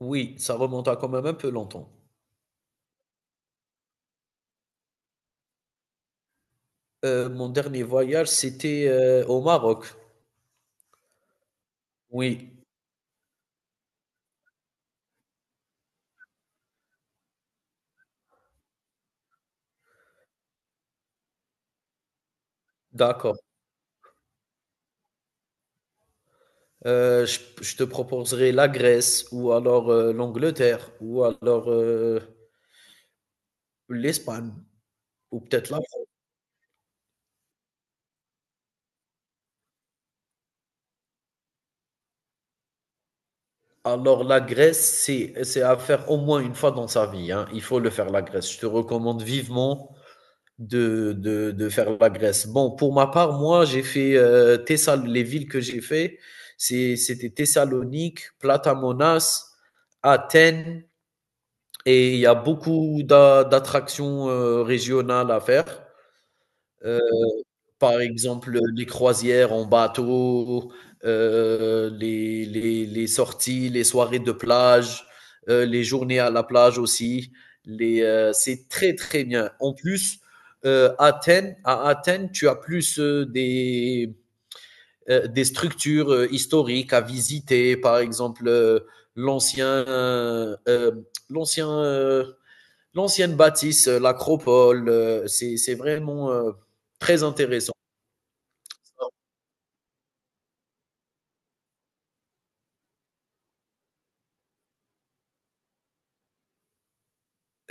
Oui, ça remonte à quand même un peu longtemps. Mon dernier voyage, c'était, au Maroc. Oui, d'accord. Je te proposerai la Grèce ou alors, l'Angleterre ou alors, l'Espagne ou peut-être la. Alors, la Grèce, c'est à faire au moins une fois dans sa vie. Hein. Il faut le faire, la Grèce. Je te recommande vivement de faire la Grèce. Bon, pour ma part, moi, j'ai fait les villes que j'ai fait, c'était Thessalonique, Platamonas, Athènes, et il y a beaucoup d'attractions régionales à faire. Euh, Par exemple, les croisières en bateau, les sorties, les soirées de plage, les journées à la plage aussi. C'est très, très bien. En plus, Athènes, à Athènes, tu as plus des structures historiques à visiter, par exemple l'ancien, euh, euh, l'ancien, euh, l'ancienne bâtisse, l'acropole. C'est vraiment très intéressant.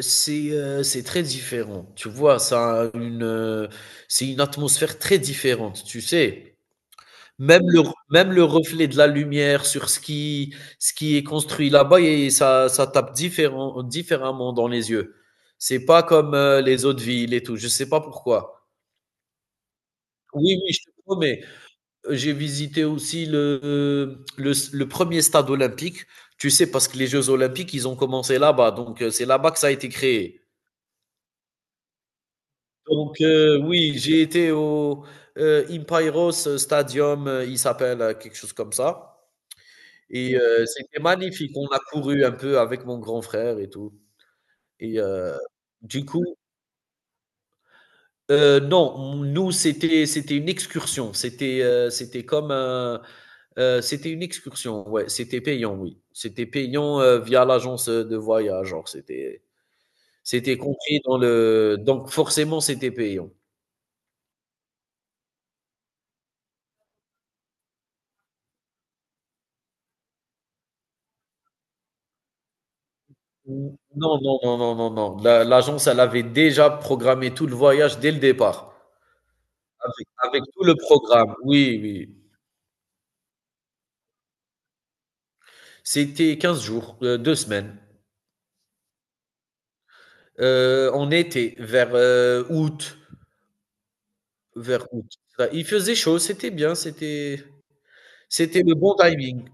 C'est très différent, tu vois? C'est une atmosphère très différente, tu sais? Même le même le reflet de la lumière sur ce qui est construit là-bas et ça tape différent différemment dans les yeux. C'est pas comme, les autres villes et tout, je sais pas pourquoi. Oui, oui, je te promets. J'ai visité aussi le 1er stade olympique, tu sais? Parce que les jeux olympiques, ils ont commencé là-bas, donc c'est là-bas que ça a été créé. Donc, oui, j'ai été au Impeiros Stadium, il s'appelle, quelque chose comme ça et c'était magnifique. On a couru un peu avec mon grand frère et tout et du coup, non, c'était une excursion. C'était une excursion, ouais, c'était payant, oui. C'était payant, via l'agence de voyage, genre, c'était c'était compris dans le donc forcément, c'était payant. Non, non, non, non, non, non. La l'agence, elle avait déjà programmé tout le voyage dès le départ, avec tout le programme. Oui, oui. C'était 15 jours, 2 semaines. On était vers, août, vers août. Bah, il faisait chaud, c'était bien, c'était le bon timing,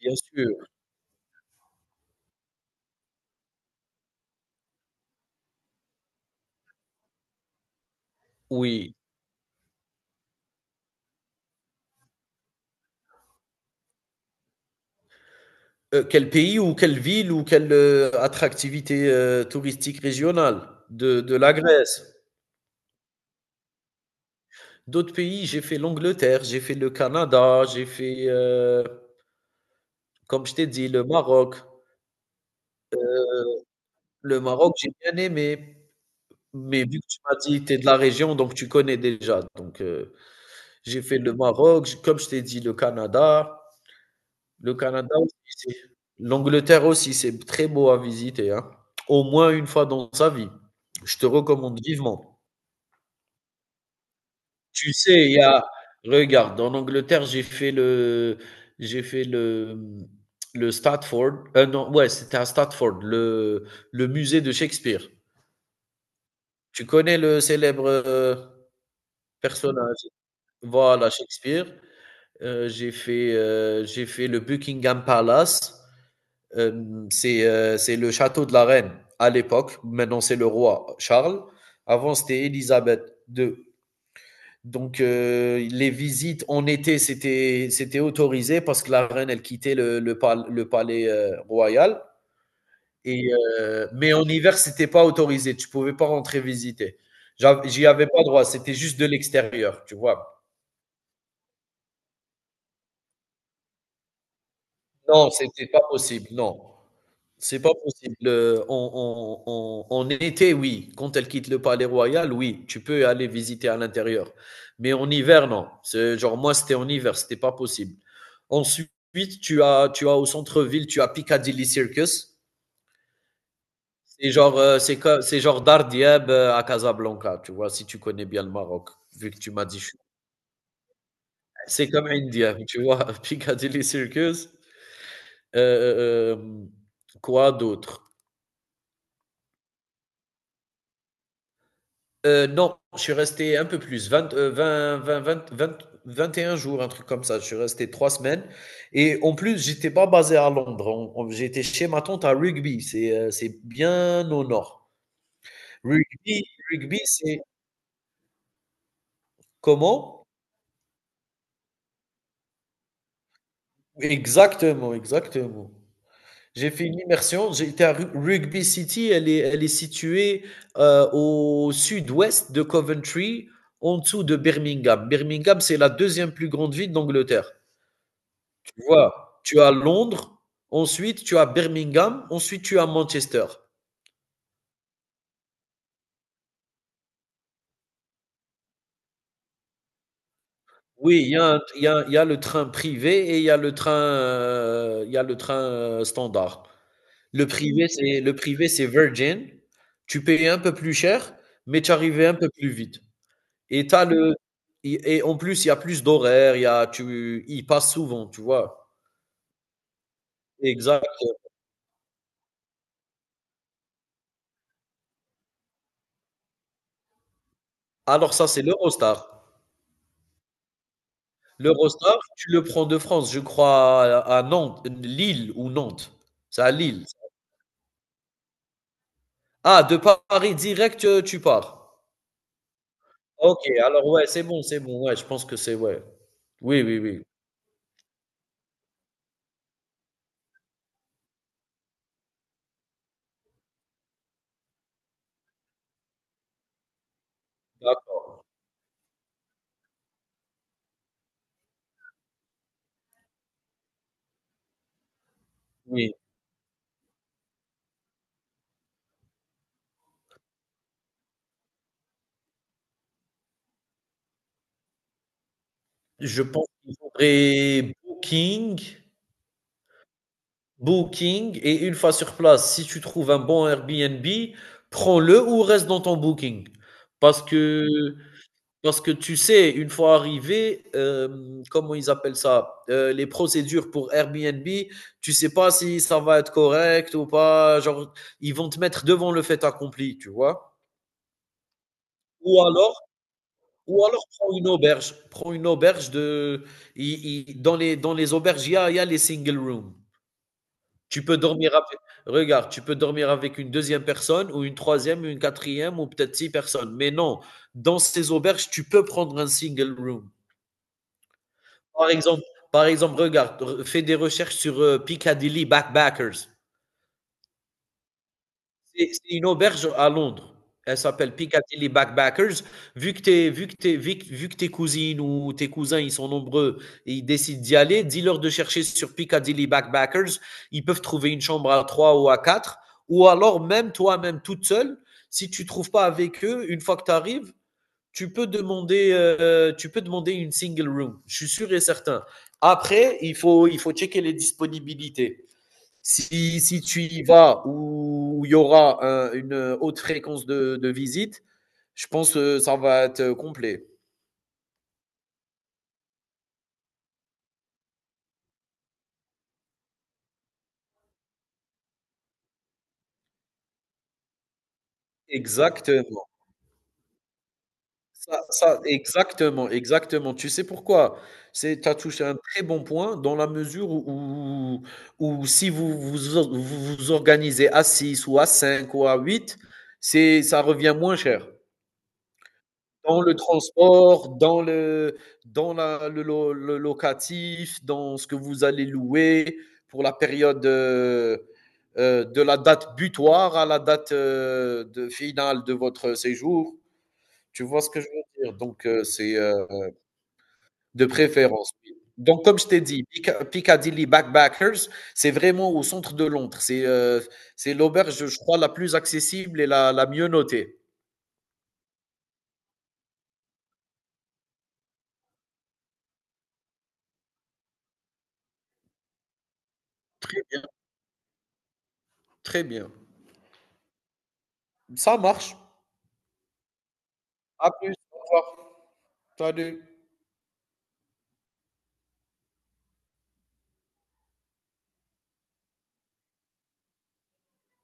bien sûr. Oui. Quel pays ou quelle ville ou quelle attractivité, touristique régionale de la Grèce? D'autres pays, j'ai fait l'Angleterre, j'ai fait le Canada, j'ai fait, comme je t'ai dit, le Maroc. Le Maroc, j'ai bien aimé, mais vu que tu m'as dit: que «Tu es de la région, donc tu connais déjà». Donc, j'ai fait le Maroc, j comme je t'ai dit, le Canada. Le Canada aussi, c'est L'Angleterre aussi, c'est très beau à visiter, hein, au moins une fois dans sa vie. Je te recommande vivement. Tu sais, il y a regarde, en Angleterre, j'ai fait le Stratford, non, ouais, c'était à Stratford, le musée de Shakespeare. Tu connais le célèbre, personnage? Voilà, Shakespeare. J'ai fait le Buckingham Palace. C'est le château de la reine à l'époque. Maintenant, c'est le roi Charles. Avant, c'était Élisabeth II. Donc, les visites en été, c'était autorisé parce que la reine, elle quittait le palais royal. Et, mais en hiver, c'était pas autorisé. Tu pouvais pas rentrer visiter. J'y avais pas droit. C'était juste de l'extérieur, tu vois. Non, c'était pas possible. Non. C'est pas possible. En été, oui, quand elle quitte le Palais Royal, oui, tu peux aller visiter à l'intérieur. Mais en hiver, non. C'est genre moi, c'était en hiver, c'était pas possible. Ensuite, tu as au centre-ville, tu as Piccadilly Circus. C'est genre Dardiab, à Casablanca, tu vois? Si tu connais bien le Maroc, vu que tu m'as dit: «Je suis» c'est comme India, tu vois? Piccadilly Circus. heu, hem, quoi d'autre? Non, je suis resté un peu plus, 20, 20, 20, 20, 20, 21 jours, un truc comme ça. Je suis resté 3 semaines. Et en plus, j'étais pas basé à Londres. J'étais chez ma tante à Rugby. C'est bien au nord. Rugby, rugby c'est comment? Exactement, exactement. J'ai fait une immersion. J'étais à Rugby City. Elle est située au sud-ouest de Coventry, en dessous de Birmingham. Birmingham, c'est la deuxième plus grande ville d'Angleterre. Tu vois, tu as Londres, ensuite tu as Birmingham, ensuite tu as Manchester. Oui, il y a un il y a le train privé et il y a le train standard. Le privé, c'est Virgin. Tu payes un peu plus cher, mais tu arrivais un peu plus vite et tu le et en plus, il y a plus d'horaires, il passe souvent, tu vois? Exact. Alors ça, c'est l'Eurostar. Le Rostar, tu le prends de France, je crois, à Nantes, Lille ou Nantes. C'est à Lille. Ah, de Paris direct, tu pars. Ok, alors ouais, c'est bon, c'est bon. Ouais, je pense que c'est ouais. Oui, oui, oui. Ah, oui. Je pense qu'il faudrait Booking, Booking, et une fois sur place, si tu trouves un bon Airbnb, prends-le ou reste dans ton Booking. Parce que Parce que tu sais, une fois arrivé, comment ils appellent ça, les procédures pour Airbnb, tu sais pas si ça va être correct ou pas. Genre, ils vont te mettre devant le fait accompli, tu vois. Ou alors, ou alors, prends une auberge, dans les auberges, il y a les single rooms. Tu peux dormir avec, Regarde, tu peux dormir avec une deuxième personne ou une troisième, une quatrième ou peut-être six personnes. Mais non, dans ces auberges, tu peux prendre un single room. Par exemple, par exemple, regarde, fais des recherches sur Piccadilly Backpackers. C'est une auberge à Londres. Elle s'appelle Piccadilly Backpackers. Vu que, t'es- vu, que t'es- vu que tes cousines ou tes cousins, ils sont nombreux et ils décident d'y aller, dis-leur de chercher sur Piccadilly Backpackers. Ils peuvent trouver une chambre à trois ou à quatre. Ou alors, même toi-même, toute seule, si tu trouves pas avec eux, une fois que tu arrives, tu peux demander une single room. Je suis sûr et certain. Après, il faut checker les disponibilités. Si tu y vas où il y aura une haute fréquence de visite, je pense que ça va être complet. Exactement. Exactement, exactement. Tu sais pourquoi? Tu as touché un très bon point dans la mesure où si vous vous organisez à 6 ou à 5 ou à 8, ça revient moins cher. Dans le transport, dans le dans la le lo le locatif, dans ce que vous allez louer pour la période, de la date butoir à la date, de finale de votre séjour. Tu vois ce que je veux dire? Donc, de préférence, oui. Donc comme je t'ai dit, Pica Piccadilly Backpackers, c'est vraiment au centre de Londres. C'est l'auberge, je crois, la plus accessible et la mieux notée. Très bien, très bien. Ça marche. À plus, au revoir. So I do.